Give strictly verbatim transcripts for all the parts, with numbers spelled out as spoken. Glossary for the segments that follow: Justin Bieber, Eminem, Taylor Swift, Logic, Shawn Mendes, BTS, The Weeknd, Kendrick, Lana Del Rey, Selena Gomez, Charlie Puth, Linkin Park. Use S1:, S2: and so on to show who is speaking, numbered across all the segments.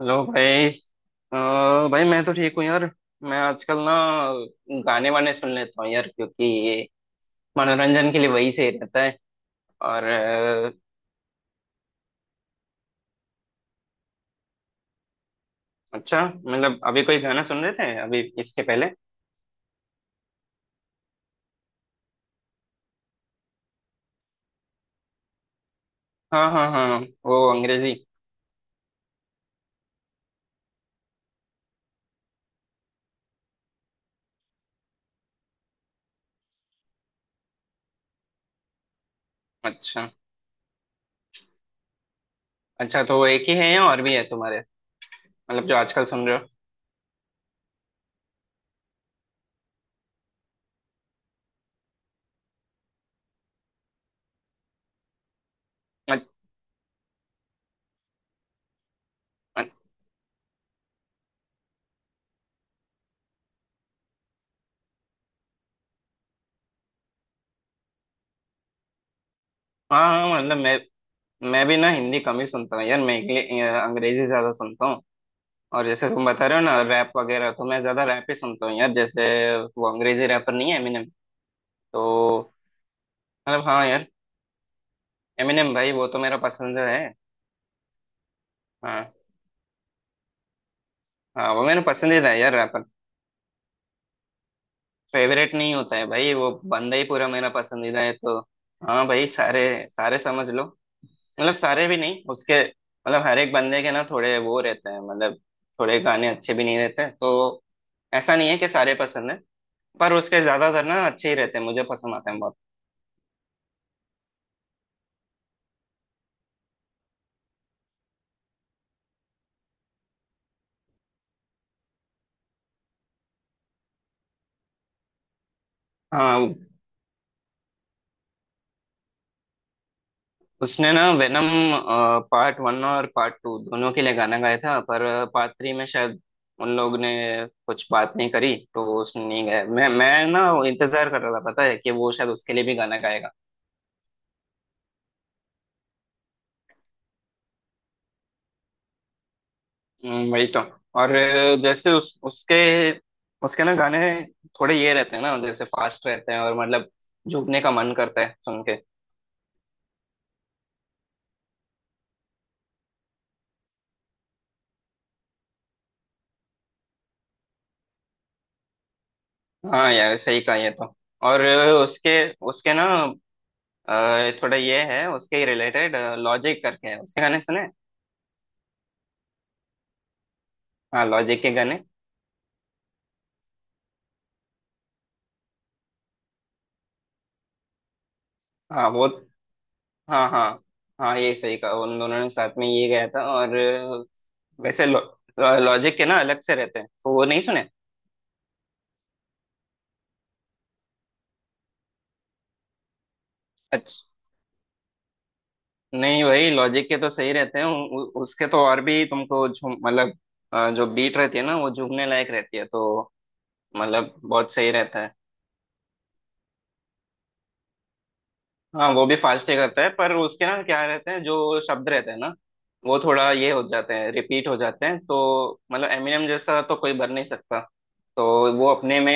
S1: Hello भाई। अ, भाई मैं तो ठीक हूँ यार। मैं आजकल ना गाने वाने सुन लेता हूँ यार, क्योंकि ये मनोरंजन के लिए वही सही रहता है। और अ, अच्छा मतलब अभी कोई गाना सुन रहे थे अभी इसके पहले? हाँ हाँ हाँ, वो अंग्रेजी। अच्छा, अच्छा तो वो एक ही है या और भी है तुम्हारे, मतलब जो आजकल सुन रहे हो? अच- अच- हाँ हाँ, मतलब मैं मैं भी ना हिंदी कम ही सुनता हूँ यार। मैं इंग्लि- अ, अंग्रेजी ज्यादा सुनता हूँ। और जैसे तुम बता रहे हो ना, रैप वगैरह, तो मैं ज्यादा रैप ही सुनता हूँ यार। जैसे वो अंग्रेजी रैपर नहीं है एमिनेम, तो मतलब हाँ यार, एमिनेम भाई वो तो मेरा पसंदीदा है। हाँ। हाँ वो मेरा पसंदीदा है यार रैपर। फेवरेट नहीं होता है भाई, वो बंदा ही पूरा मेरा पसंदीदा है तो। हाँ भाई सारे, सारे समझ लो। मतलब सारे भी नहीं उसके, मतलब हर एक बंदे के ना थोड़े वो रहते हैं मतलब थोड़े गाने अच्छे भी नहीं रहते तो। ऐसा नहीं है कि सारे पसंद है। पर उसके ज्यादातर ना अच्छे ही रहते हैं, मुझे पसंद आते हैं बहुत। हाँ। उसने ना वेनम पार्ट वन और पार्ट टू दोनों के लिए गाना गाया था, पर पार्ट थ्री में शायद उन लोग ने कुछ बात नहीं करी तो उसने नहीं गाया। मैं मैं ना वो इंतजार कर रहा था, पता है कि वो शायद उसके लिए भी गाना गाएगा। हम्म, वही तो। और अ, जैसे उस उसके उसके ना गाने थोड़े ये रहते हैं ना, जैसे फास्ट रहते हैं और मतलब झूमने का मन करता है सुन के। हाँ यार सही कहा ये तो। और अ, उसके उसके ना अ, थोड़ा ये है, उसके रिलेटेड लॉजिक करके है, उसके गाने सुने? हाँ लॉजिक के गाने। हाँ वो। हाँ हाँ। हाँ ये सही कहा, उन दोनों ने साथ में ये गाया था। और अ, वैसे लॉ, लॉजिक के ना अलग से रहते हैं तो वो नहीं सुने। अच्छा। नहीं वही लॉजिक के तो सही रहते हैं, उ, उ, उसके तो और भी तुमको झूम मतलब अ, जो बीट रहती है ना, वो झूमने लायक रहती है तो मतलब बहुत सही रहता है। हाँ वो भी फास्ट ही करता है, पर उसके ना क्या रहते हैं, जो शब्द रहते हैं ना वो थोड़ा ये हो जाते हैं, रिपीट हो जाते हैं। तो मतलब एमिनेम जैसा तो कोई बन नहीं सकता तो। वो अपने में,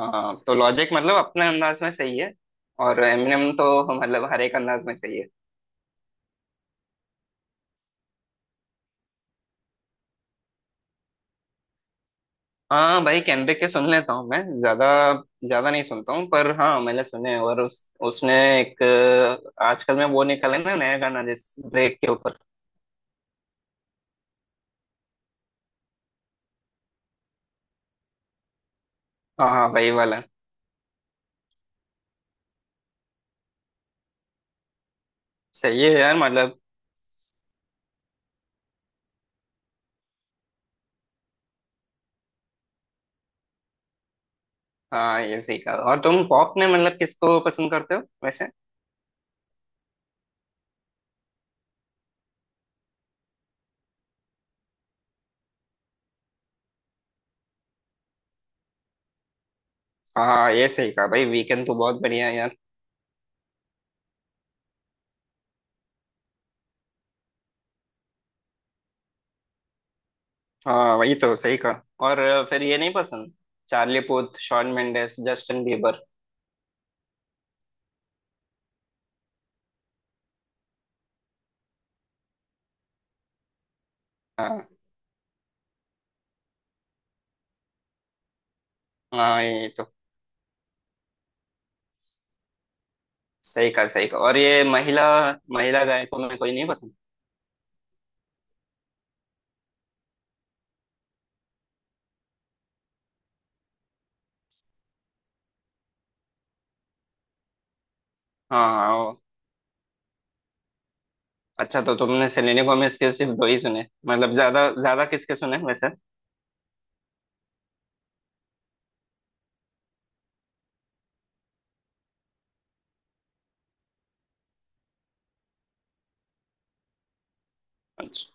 S1: हाँ तो लॉजिक मतलब अपने अंदाज में सही है, और एमिनेम तो मतलब हर एक अंदाज में सही है। हाँ भाई केंड्रिक के सुन लेता हूँ मैं। ज्यादा ज्यादा नहीं सुनता हूँ, पर हाँ मैंने सुने हैं। और उस उसने एक अ, आजकल में वो निकाला है ना नया गाना, जिस ब्रेक के ऊपर। हाँ हाँ वही वाला। सही है यार मतलब। हाँ ये सही कहा। और तुम पॉप में मतलब किसको पसंद करते हो वैसे? हाँ ये सही कहा भाई, वीकेंड तो बहुत बढ़िया है यार। हाँ वही तो सही कहा। और अ, फिर ये नहीं पसंद, Charlie Puth, Shawn Mendes, Justin Bieber? हाँ। हाँ ये तो सही कहा, सही कहा। और ये महिला महिला गायकों में कोई नहीं पसंद? हाँ हाँ वो। अच्छा तो तुमने सेलेना गोमेज के सिर्फ दो ही सुने, मतलब ज्यादा ज्यादा किसके सुने वैसे? अच्छा।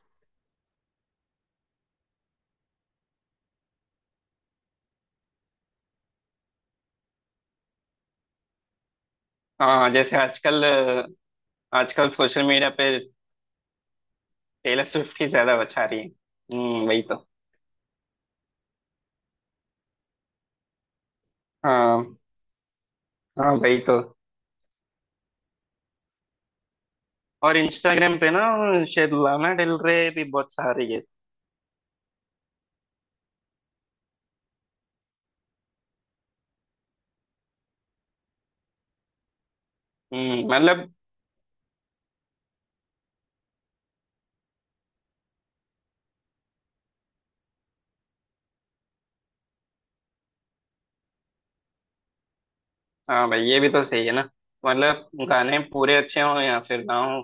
S1: हाँ हाँ, जैसे आजकल अ, आजकल सोशल मीडिया पे टेलर स्विफ्ट ही ज्यादा बचा रही है। हम्म वही तो। हाँ हाँ वही तो। और इंस्टाग्राम पे ना शायद लाना डेल रे भी बहुत सारी है। हम्म मतलब। हाँ भाई ये भी तो सही है ना, मतलब गाने पूरे अच्छे हों या फिर ना हों।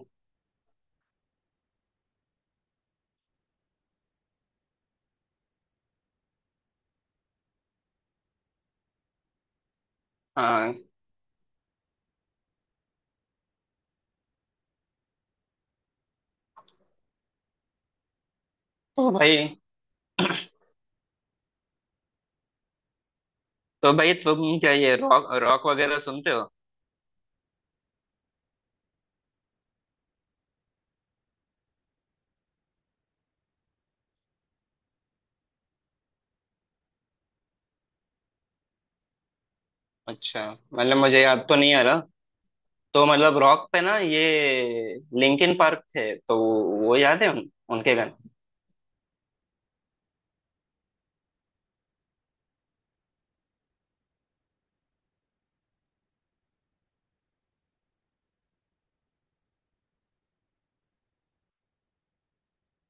S1: हाँ, तो भाई, तो भाई तुम क्या ये रॉक रॉक वगैरह सुनते हो? अच्छा। मतलब मुझे याद तो नहीं आ रहा। तो मतलब रॉक पे ना ये लिंकिन पार्क थे तो वो याद है उन, उनके गाने।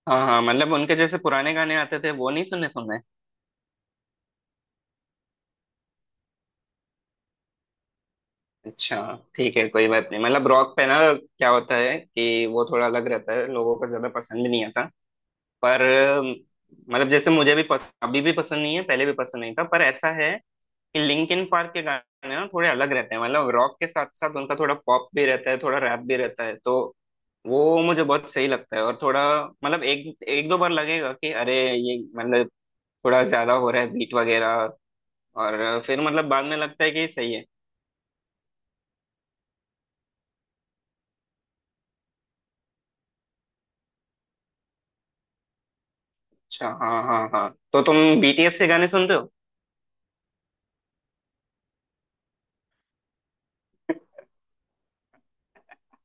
S1: हाँ हाँ, मतलब उनके जैसे पुराने गाने आते थे वो नहीं सुने तुमने? अच्छा। ठीक है कोई बात नहीं, मतलब रॉक पे ना क्या होता है कि वो थोड़ा अलग रहता है, लोगों को ज्यादा पसंद भी नहीं आता। पर अम, मतलब जैसे मुझे भी पस, अभी भी पसंद नहीं है, पहले भी पसंद नहीं था, पर ऐसा है लिंकिन पार्क के गाने ना थोड़े अलग रहते हैं। मतलब रॉक के साथ साथ उनका थोड़ा पॉप भी रहता है, थोड़ा रैप भी रहता है, तो वो मुझे बहुत सही लगता है। और थोड़ा मतलब एक एक दो बार लगेगा कि अरे ये मतलब थोड़ा ज्यादा हो रहा है बीट वगैरह, और फिर मतलब बाद में लगता है कि सही है। अच्छा हाँ हाँ हाँ, तो तुम बी टी एस के गाने सुनते हो?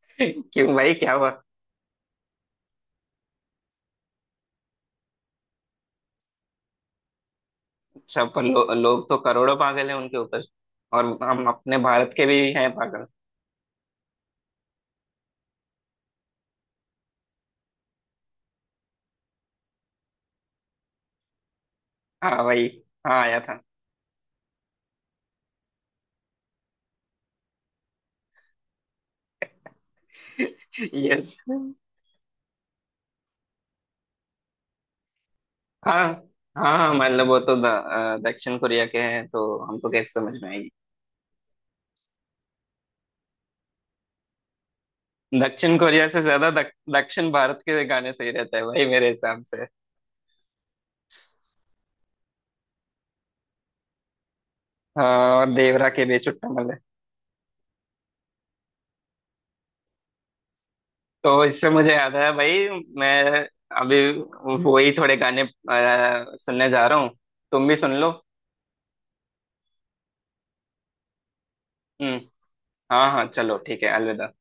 S1: क्यों भाई क्या हुआ? अच्छा पर लो, लोग तो करोड़ों पागल हैं उनके ऊपर, और हम अपने भारत के भी हैं पागल। हाँ भाई। हाँ आया था। यस। हाँ हाँ, मतलब वो तो द, अ, दक्षिण कोरिया के हैं तो हमको कैसे समझ में आएगी। दक्षिण कोरिया से ज्यादा दक, दक्षिण भारत के गाने सही रहते हैं भाई मेरे हिसाब से। अ, और देवरा के बेचुट्टा मल्ले। तो इससे मुझे याद आया भाई, मैं अभी वो ही थोड़े गाने अ, सुनने जा रहा हूँ, तुम भी सुन लो। हम्म। हाँ हाँ चलो ठीक है, अलविदा।